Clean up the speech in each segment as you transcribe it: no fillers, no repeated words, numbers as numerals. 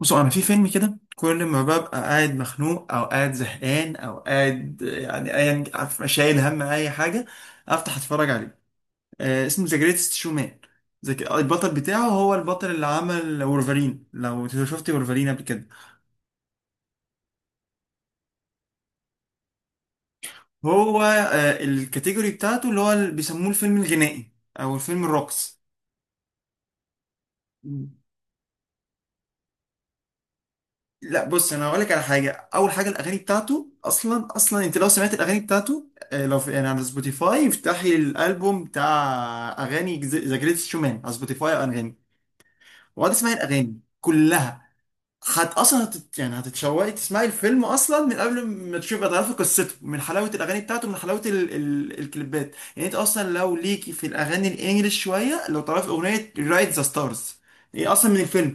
بصوا، انا في فيلم كده كل ما ببقى قاعد مخنوق او قاعد زهقان او قاعد، يعني ايا عارف، شايل هم اي حاجه افتح اتفرج عليه. اسمه ذا جريتست شومان. البطل بتاعه هو البطل اللي عمل وولفرين، لو شفت وولفرين قبل كده. هو الكاتيجوري بتاعته، اللي هو اللي بيسموه الفيلم الغنائي او الفيلم الرقص. لا، بص، انا هقول لك على حاجه. اول حاجه الاغاني بتاعته. اصلا انت لو سمعت الاغاني بتاعته، لو في يعني على سبوتيفاي، افتحي الالبوم بتاع اغاني ذا جريتست شومان على سبوتيفاي، اغاني، وقعد اسمعي الاغاني كلها. اصلا يعني هتتشوقي تسمعي الفيلم اصلا من قبل ما تشوفي تعرفي قصته، من حلاوه الاغاني بتاعته، من حلاوه الكليبات. يعني انت اصلا لو ليكي في الاغاني الانجليش شويه، لو تعرفي اغنيه رايت ذا ستارز، هي اصلا من الفيلم.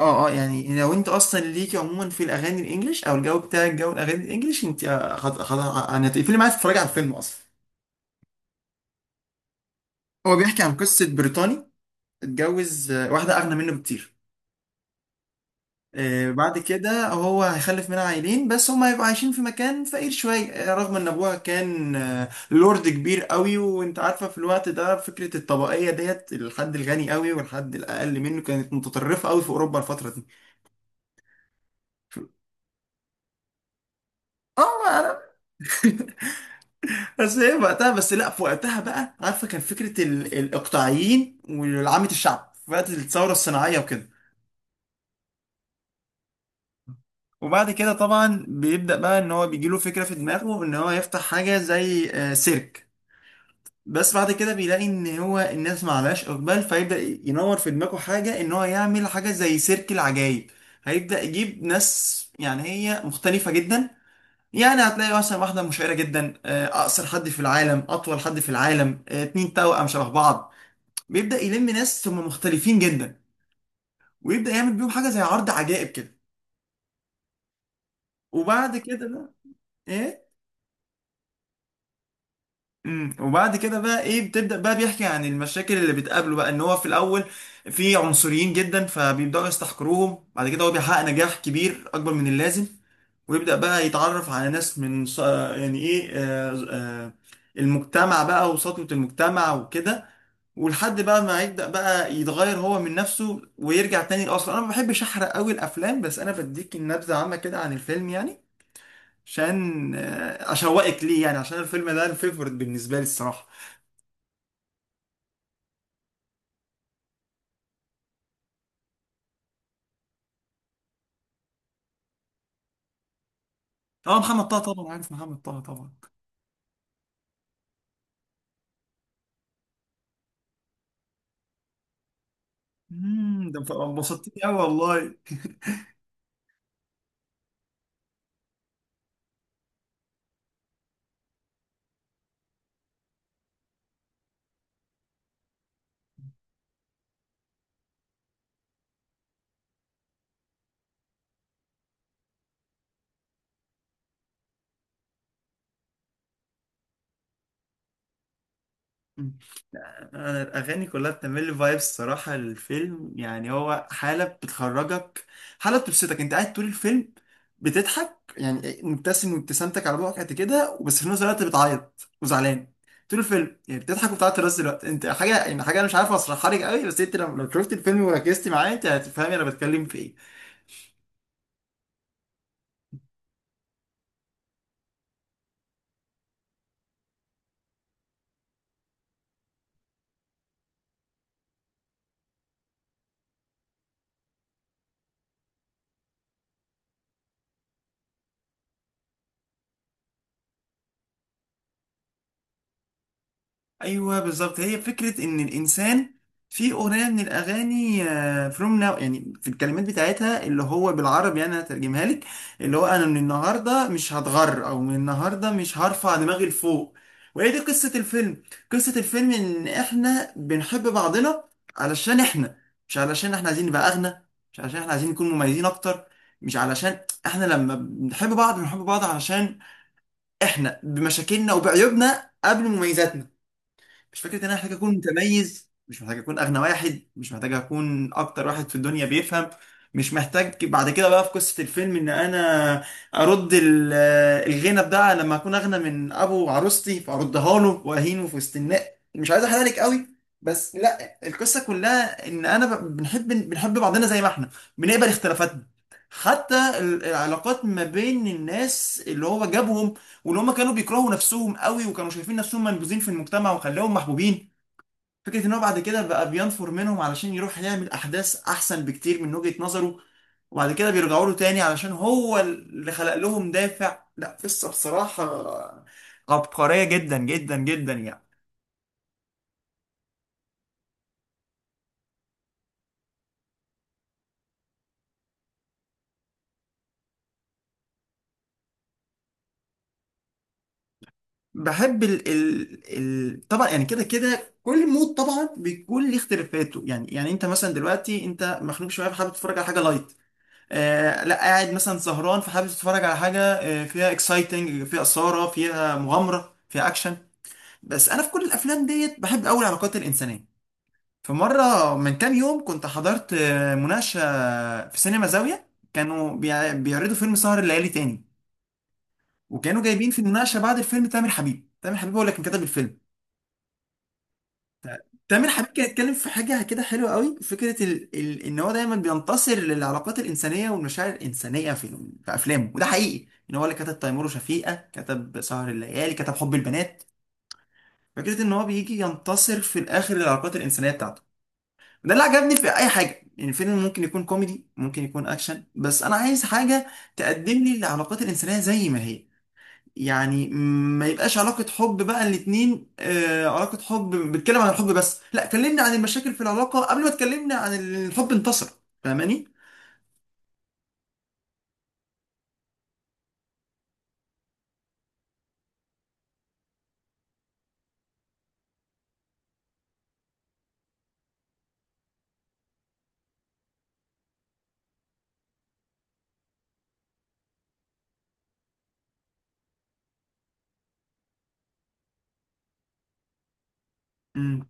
اه، اه، يعني لو انت اصلا ليكي عموما في الاغاني الانجليش، او الجو بتاعك جو الاغاني الانجليش، انت يعني هتقفلي معايا تتفرجي على الفيلم اصلا. هو بيحكي عن قصه بريطاني اتجوز واحده اغنى منه بكتير. بعد كده هو هيخلف منها عيلين، بس هم هيبقوا عايشين في مكان فقير شويه، رغم ان ابوها كان لورد كبير قوي. وانت عارفه في الوقت ده فكره الطبقيه ديت، الحد الغني قوي والحد الاقل منه، كانت متطرفه قوي في اوروبا الفتره دي. اه، ما أنا. بس هي وقتها، بس لا، في وقتها بقى، عارفه، كان فكره الاقطاعيين وعامه الشعب في وقت الثوره الصناعيه وكده. وبعد كده طبعا بيبدا بقى ان هو بيجيله فكره في دماغه ان هو يفتح حاجه زي سيرك. بس بعد كده بيلاقي ان هو الناس ما عليهاش اقبال، فيبدا ينور في دماغه حاجه ان هو يعمل حاجه زي سيرك العجايب. هيبدا يجيب ناس يعني هي مختلفه جدا. يعني هتلاقي مثلا واحدة مشهورة جدا، أقصر حد في العالم، أطول حد في العالم، اتنين توأم شبه بعض. بيبدأ يلم ناس ثم مختلفين جدا، ويبدأ يعمل بيهم حاجة زي عرض عجائب كده. وبعد كده بقى ايه وبعد كده بقى ايه بتبدأ بقى بيحكي عن المشاكل اللي بتقابله. بقى ان هو في الاول في عنصريين جدا، فبيبدأوا يستحقروهم. بعد كده هو بيحقق نجاح كبير اكبر من اللازم، ويبدأ بقى يتعرف على ناس من يعني ايه المجتمع بقى وسطوة المجتمع وكده، ولحد بقى ما يبدأ بقى يتغير هو من نفسه ويرجع تاني لأصله. انا ما بحبش احرق قوي الافلام، بس انا بديك النبذة عامة كده عن الفيلم يعني، عشان اشوقك ليه، يعني عشان الفيلم ده الفيفوريت بالنسبه لي الصراحه. اه، محمد طه طبعا عارف محمد طه طبعا. ده انبسطتني قوي والله. مم. انا الاغاني كلها بتعمل لي فايبس الصراحه. الفيلم يعني هو حاله بتخرجك، حاله بتبسطك. انت قاعد طول الفيلم بتضحك، يعني مبتسم، وابتسامتك على بوقك قد كده، بس في نفس الوقت بتعيط وزعلان. طول الفيلم يعني بتضحك وبتعيط في نفس الوقت، انت حاجه يعني، حاجه انا مش عارف اشرحها لك قوي. بس انت لو شفت الفيلم وركزت معاه انت هتفهمي انا بتكلم في ايه. ايوه، بالظبط، هي فكره ان الانسان في اغنيه من الاغاني فروم ناو، يعني في الكلمات بتاعتها، اللي هو بالعربي يعني انا هترجمها لك، اللي هو انا من النهارده مش هتغر او من النهارده مش هرفع دماغي لفوق. وهي دي قصه الفيلم. قصه الفيلم ان احنا بنحب بعضنا علشان احنا، مش علشان احنا عايزين نبقى اغنى، مش علشان احنا عايزين نكون مميزين اكتر، مش علشان. احنا لما بنحب بعض، بنحب بعض علشان احنا بمشاكلنا وبعيوبنا قبل مميزاتنا. مش فكره ان انا محتاج اكون متميز، مش محتاج اكون اغنى واحد، مش محتاج اكون اكتر واحد في الدنيا بيفهم. مش محتاج بعد كده بقى في قصه الفيلم ان انا ارد الغنى بتاع لما اكون اغنى من ابو عروستي فاردها له واهينه في وسط الناس. مش عايز احرق لك قوي، بس لا، القصه كلها ان انا بنحب بعضنا زي ما احنا، بنقبل اختلافاتنا. حتى العلاقات ما بين الناس اللي هو جابهم، واللي هم كانوا بيكرهوا نفسهم قوي وكانوا شايفين نفسهم منبوذين في المجتمع، وخلاهم محبوبين. فكرة ان هو بعد كده بقى بينفر منهم علشان يروح يعمل احداث احسن بكتير من وجهة نظره، وبعد كده بيرجعوا له تاني علشان هو اللي خلق لهم دافع. لا، قصة بصراحة عبقرية جدا جدا جدا يعني. بحب ال ال ال طبعا، يعني كده كده كل مود طبعا بيكون ليه اختلافاته، يعني انت مثلا دلوقتي انت مخنوق شويه فحابب تتفرج على حاجه لايت. لا، قاعد مثلا سهران فحابب تتفرج على حاجه فيها اكسايتنج، فيها اثاره، فيها مغامره، فيها اكشن. بس انا في كل الافلام ديت بحب قوي العلاقات الانسانيه. فمره من كام يوم كنت حضرت مناقشه في سينما زاويه، كانوا بيعرضوا فيلم سهر الليالي تاني، وكانوا جايبين في المناقشه بعد الفيلم تامر حبيب. تامر حبيب هو اللي كان كتب الفيلم. تامر حبيب كان اتكلم في حاجة كده حلوة قوي، فكرة ان هو دايما بينتصر للعلاقات الإنسانية والمشاعر الإنسانية في أفلامه. وده حقيقي ان هو اللي كتب تيمور وشفيقة، كتب سهر الليالي، كتب حب البنات. فكرة ان هو بيجي ينتصر في الآخر للعلاقات الإنسانية بتاعته، وده اللي عجبني في أي حاجة. يعني الفيلم ممكن يكون كوميدي، ممكن يكون أكشن، بس أنا عايز حاجة تقدم لي العلاقات الإنسانية زي ما هي. يعني ما يبقاش علاقة حب بقى الاتنين علاقة حب بتكلم عن الحب، بس لا، كلمني عن المشاكل في العلاقة قبل ما تكلمني عن الحب انتصر. فاهماني؟ امم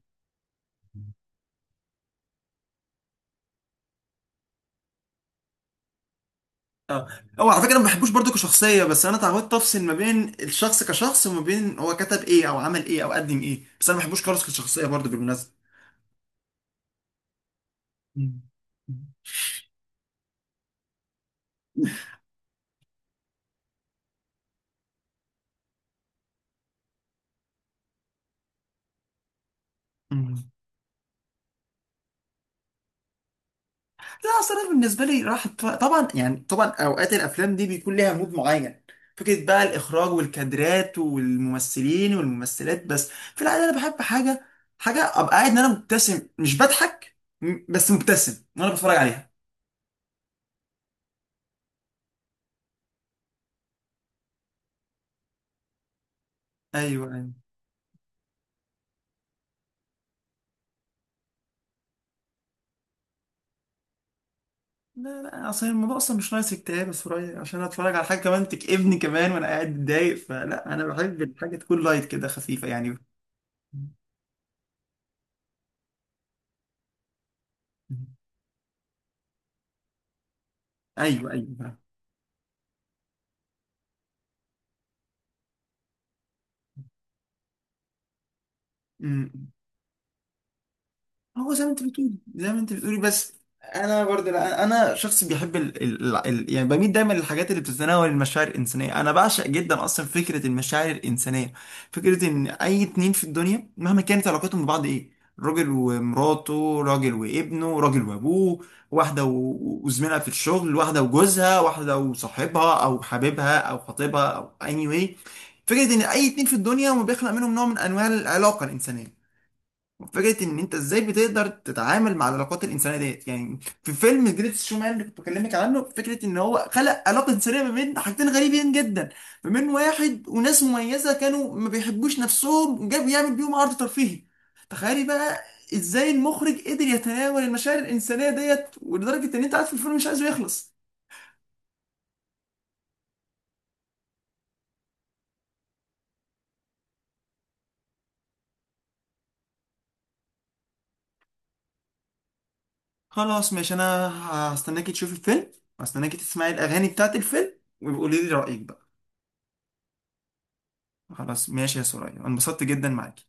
اه، هو على فكرة انا ما بحبوش برضو كشخصية، بس انا اتعودت افصل ما بين الشخص كشخص وما بين هو كتب ايه او عمل ايه او قدم ايه، بس انا ما بحبوش خالص كشخصية برضو بالمناسبة. مم. لا، اصل انا بالنسبه لي راحت طبعا، يعني طبعا اوقات الافلام دي بيكون ليها مود معين، فكره بقى الاخراج والكادرات والممثلين والممثلات. بس في العاده انا بحب حاجه ابقى قاعد ان انا مبتسم مش بضحك، بس مبتسم وانا بتفرج عليها. ايوه، ايوه. لا، لا، اصل الموضوع اصلا مش ناقص اكتئاب يا سوريا عشان اتفرج على حاجه كمان تكئبني كمان وانا قاعد متضايق. فلا، انا بحب الحاجه تكون لايت كده، خفيفه يعني. ايوه، ايوه. هو زي ما انت بتقولي زي ما انت بتقولي بس انا برضه، لا انا شخص بيحب يعني بميل دايما للحاجات اللي بتتناول المشاعر الانسانيه. انا بعشق جدا اصلا فكره المشاعر الانسانيه. فكره ان اي اتنين في الدنيا مهما كانت علاقتهم ببعض ايه، راجل ومراته، راجل وابنه، راجل وابوه، واحده وزميلها في الشغل، واحده وجوزها، واحده وصاحبها او حبيبها او خطيبها او اني anyway. فكره ان اي اتنين في الدنيا هم بيخلق منهم نوع من انواع العلاقه الانسانيه. فكره ان انت ازاي بتقدر تتعامل مع العلاقات الانسانيه ديت يعني. في فيلم جريتس شومان اللي كنت بكلمك عنه، فكره ان هو خلق علاقه انسانيه ما بين حاجتين غريبين جدا، ما بين واحد وناس مميزه كانوا ما بيحبوش نفسهم، جاب يعمل بيهم عرض ترفيهي. تخيلي بقى ازاي المخرج قدر يتناول المشاعر الانسانيه ديت، ولدرجه ان انت قاعد في الفيلم مش عايزه يخلص. خلاص، ماشي. انا هستناكي تشوفي الفيلم، هستناكي تسمعي الاغاني بتاعت الفيلم، وقولي لي رايك بقى. خلاص، ماشي يا سوريا، أنا انبسطت جدا معاك.